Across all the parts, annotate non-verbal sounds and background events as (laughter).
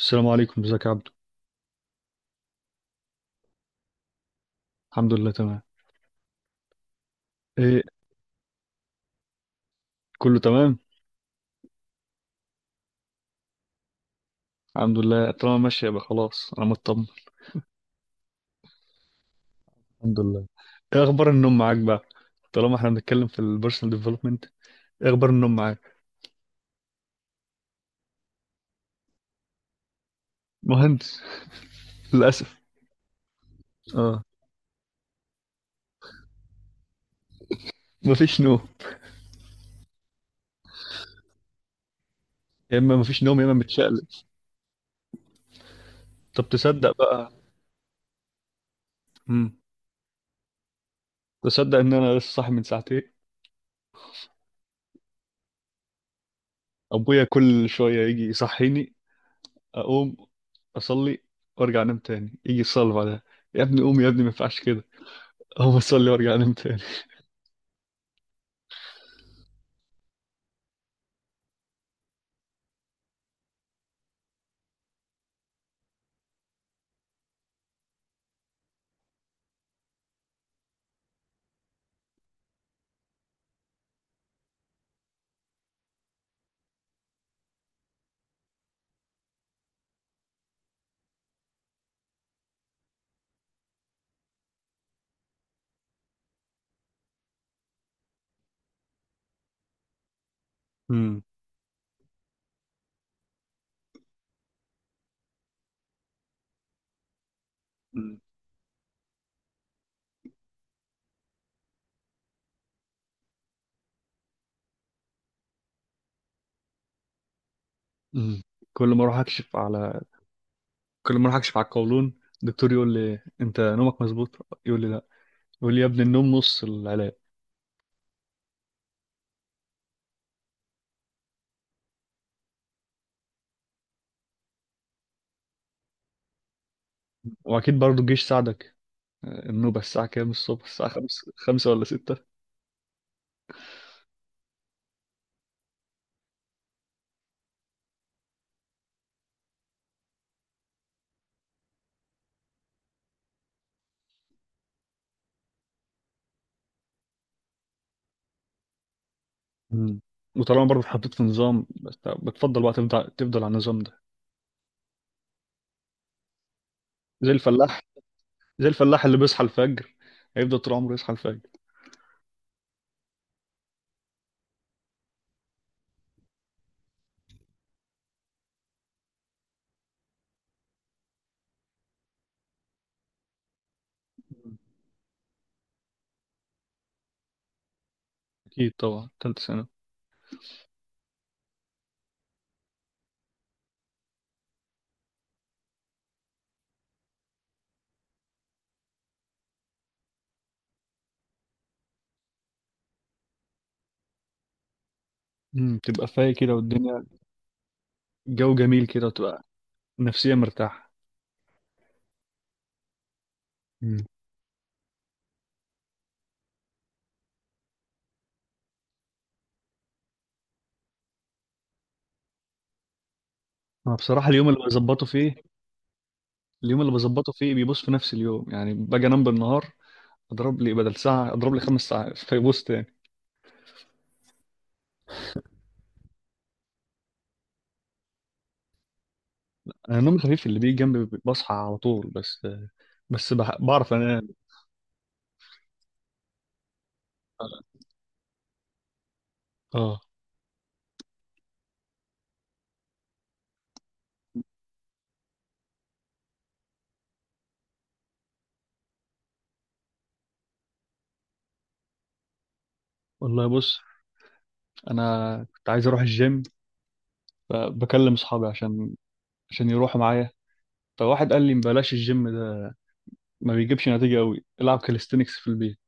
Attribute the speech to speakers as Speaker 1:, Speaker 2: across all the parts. Speaker 1: السلام عليكم، ازيك يا عبدو؟ الحمد لله تمام. ايه، كله تمام. الحمد لله، طالما ماشي يبقى خلاص انا مطمن. الحمد لله. ايه اخبار النوم معاك بقى، طالما احنا بنتكلم في البيرسونال ديفلوبمنت؟ ايه اخبار النوم معاك؟ مهندس (laughs) للاسف. اه، مفيش نوم. يا اما مفيش نوم يا اما متشقلب. طب تصدق بقى؟ امم تصدق ان انا لسه صاحي من ساعتين؟ ابويا كل شويه يجي يصحيني، اقوم اصلي وارجع انام، تاني يجي يصلي بعدها. يا ابني قوم يا ابني، ما ينفعش كده. اقوم اصلي وارجع انام تاني. مم. مم. كل ما اروح اكشف على كل ما اروح اكشف على القولون، الدكتور يقول لي انت نومك مظبوط. يقول لي لا، يقول لي يا ابني النوم نص العلاج. واكيد برضه الجيش ساعدك. النوبة الساعة كام الصبح؟ الساعة 5 ولا 6؟ مم. وطالما برضه اتحطيت في نظام، بس بتفضل بقى تفضل تفضل على النظام ده. زي الفلاح زي الفلاح اللي بيصحى الفجر، هيفضل طول عمره يصحى الفجر. اكيد طبعا، تالتة سنة. مم. تبقى فايق كده والدنيا جو جميل كده، وتبقى نفسيا مرتاح. مم. انا بصراحة اليوم اللي بظبطه فيه، بيبص في نفس اليوم، يعني باجي انام بالنهار اضرب لي بدل ساعه، اضرب لي 5 ساعات، فيبص تاني. انا النوم الخفيف اللي بيجي جنبي بصحى على طول، بس بعرف انام. اه والله، بص، انا كنت عايز اروح الجيم، فبكلم اصحابي عشان يروحوا معايا. فواحد قال لي بلاش الجيم ده، ما بيجيبش نتيجه قوي، العب كاليستينكس في البيت،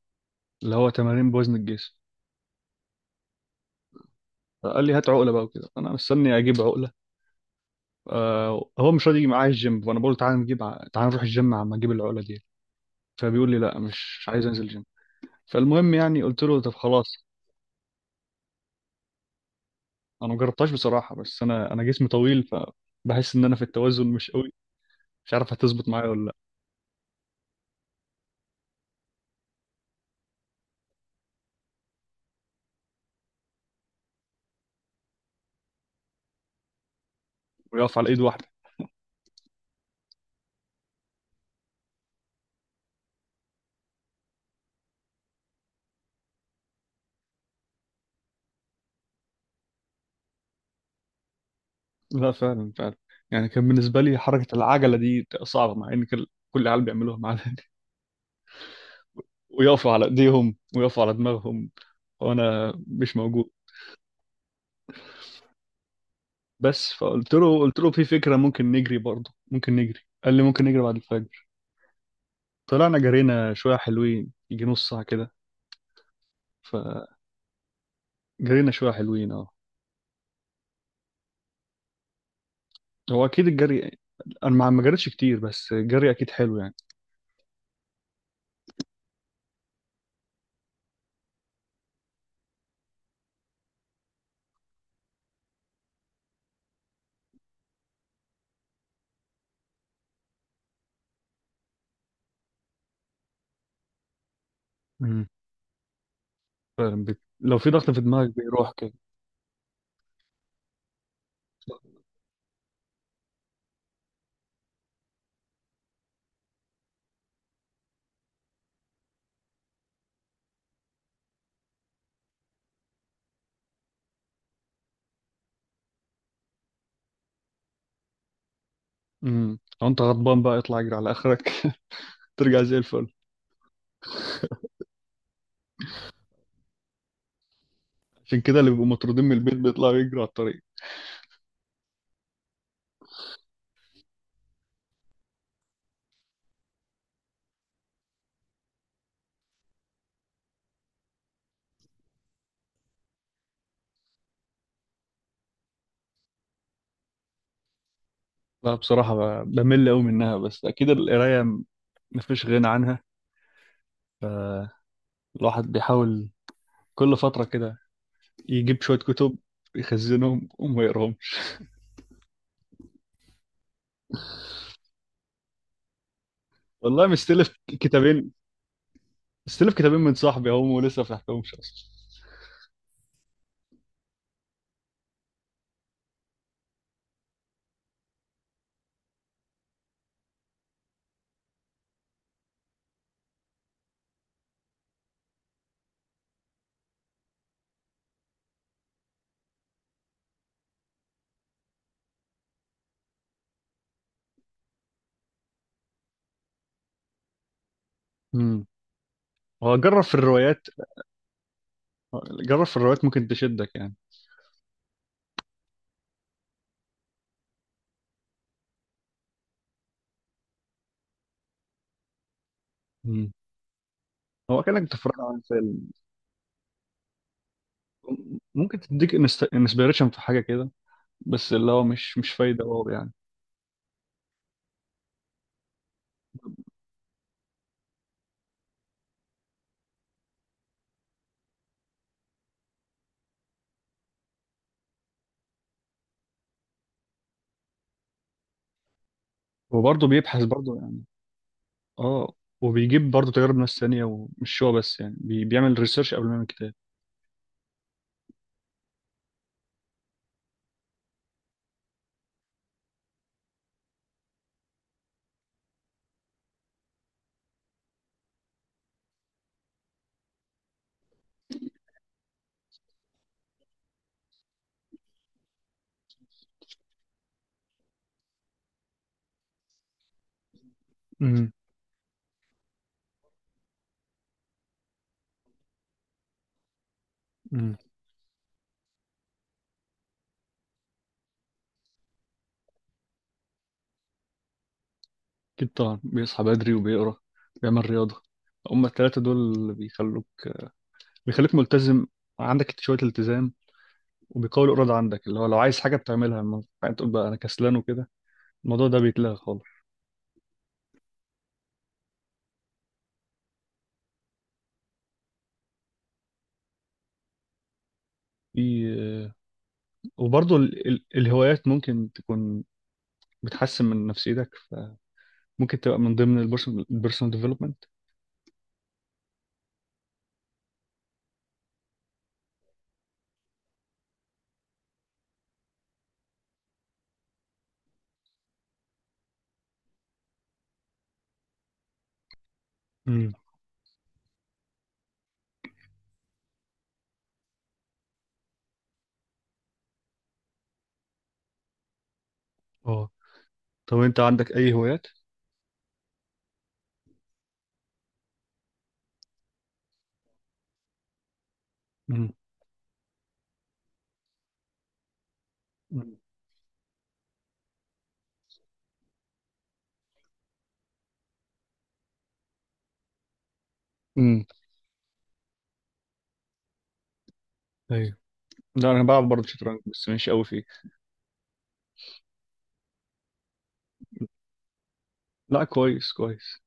Speaker 1: اللي هو تمارين بوزن الجسم. فقال لي هات عقله بقى، وكده انا مستني اجيب عقله. آه، هو مش راضي يجي معايا الجيم، فانا بقول تعالى تعالى نروح الجيم، عم اجيب العقله دي. فبيقول لي لا، مش عايز انزل جيم. فالمهم يعني قلت له طب خلاص. انا ما جربتهاش بصراحه، بس انا جسمي طويل، فبحس ان انا في التوازن مش قوي، مش عارف هتظبط معايا ولا لا. ويقف على ايد واحده. لا، فعلا فعلا. يعني كان بالنسبه لي حركه العجله دي صعبه، مع ان كل العيال بيعملوها معانا. (laughs) ويقفوا على ايديهم ويقفوا على دماغهم، وانا مش موجود. بس فقلت له، قلت له في فكره ممكن نجري، برضه ممكن نجري. قال لي ممكن نجري بعد الفجر. طلعنا جرينا شويه حلوين، يجي نص ساعه كده. جرينا شوية حلوين، اه. هو أكيد الجري، أنا ما جريتش كتير، بس الجري أكيد حلو يعني. امم. فعلا، لو في ضغط في دماغك بيروح كده. امم، لو أنت غضبان بقى اطلع اجري على آخرك (laughs) ترجع زي الفل. عشان كده اللي بيبقوا مطرودين من البيت بيطلعوا يجروا على الطريق. لا بصراحة، بمل أوي منها، بس أكيد القراية مفيش غنى عنها. الواحد بيحاول كل فترة كده يجيب شوية كتب يخزنهم وما يقراهمش. والله مستلف كتابين من صاحبي هم، ولسه ما فتحتهمش أصلا. هو جرب في الروايات ممكن تشدك يعني. مم. هو كأنك بتتفرج على فيلم. ممكن تديك انسبيريشن في حاجة كده، بس اللي هو مش فايدة واو يعني. وبرضه بيبحث برضه يعني. اه، وبيجيب برضه تجارب ناس تانية، ومش هو بس، يعني بيعمل ريسيرش قبل ما يعمل كتاب. امم. امم أكيد طبعا، بيصحى بدري وبيقرا، بيعمل رياضة. هما التلاتة دول اللي بيخلوك، بيخليك ملتزم، عندك شوية التزام، وبيقوي الإرادة عندك. اللي هو لو عايز حاجة بتعملها، ما ينفعش تقول بقى أنا كسلان وكده. الموضوع ده بيتلغى خالص. في وبرضه الهوايات ممكن تكون بتحسن من نفسيتك، فممكن تبقى من ضمن البيرسونال ديفلوبمنت. امم. اه. طب انت عندك اي هوايات؟ امم. امم ايوه. لا، انا بلعب برضه شطرنج بس مش قوي فيه. لا، كويس كويس.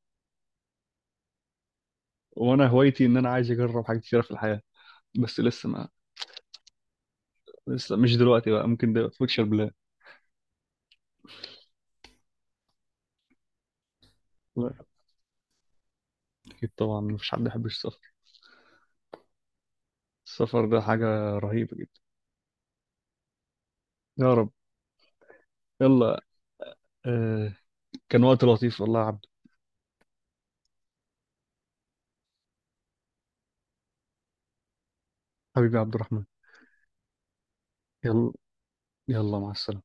Speaker 1: وانا هوايتي ان انا عايز اجرب حاجات كتيره في الحياه، بس لسه ما لسه مش دلوقتي بقى، ممكن ده فيوتشر بلان. لا، اكيد طبعا مفيش حد يحب السفر. السفر ده حاجه رهيبه جدا. يا رب. يلا. آه، كان وقت لطيف والله يا عبد. حبيبي عبد الرحمن. يلا. يلا، مع السلامة.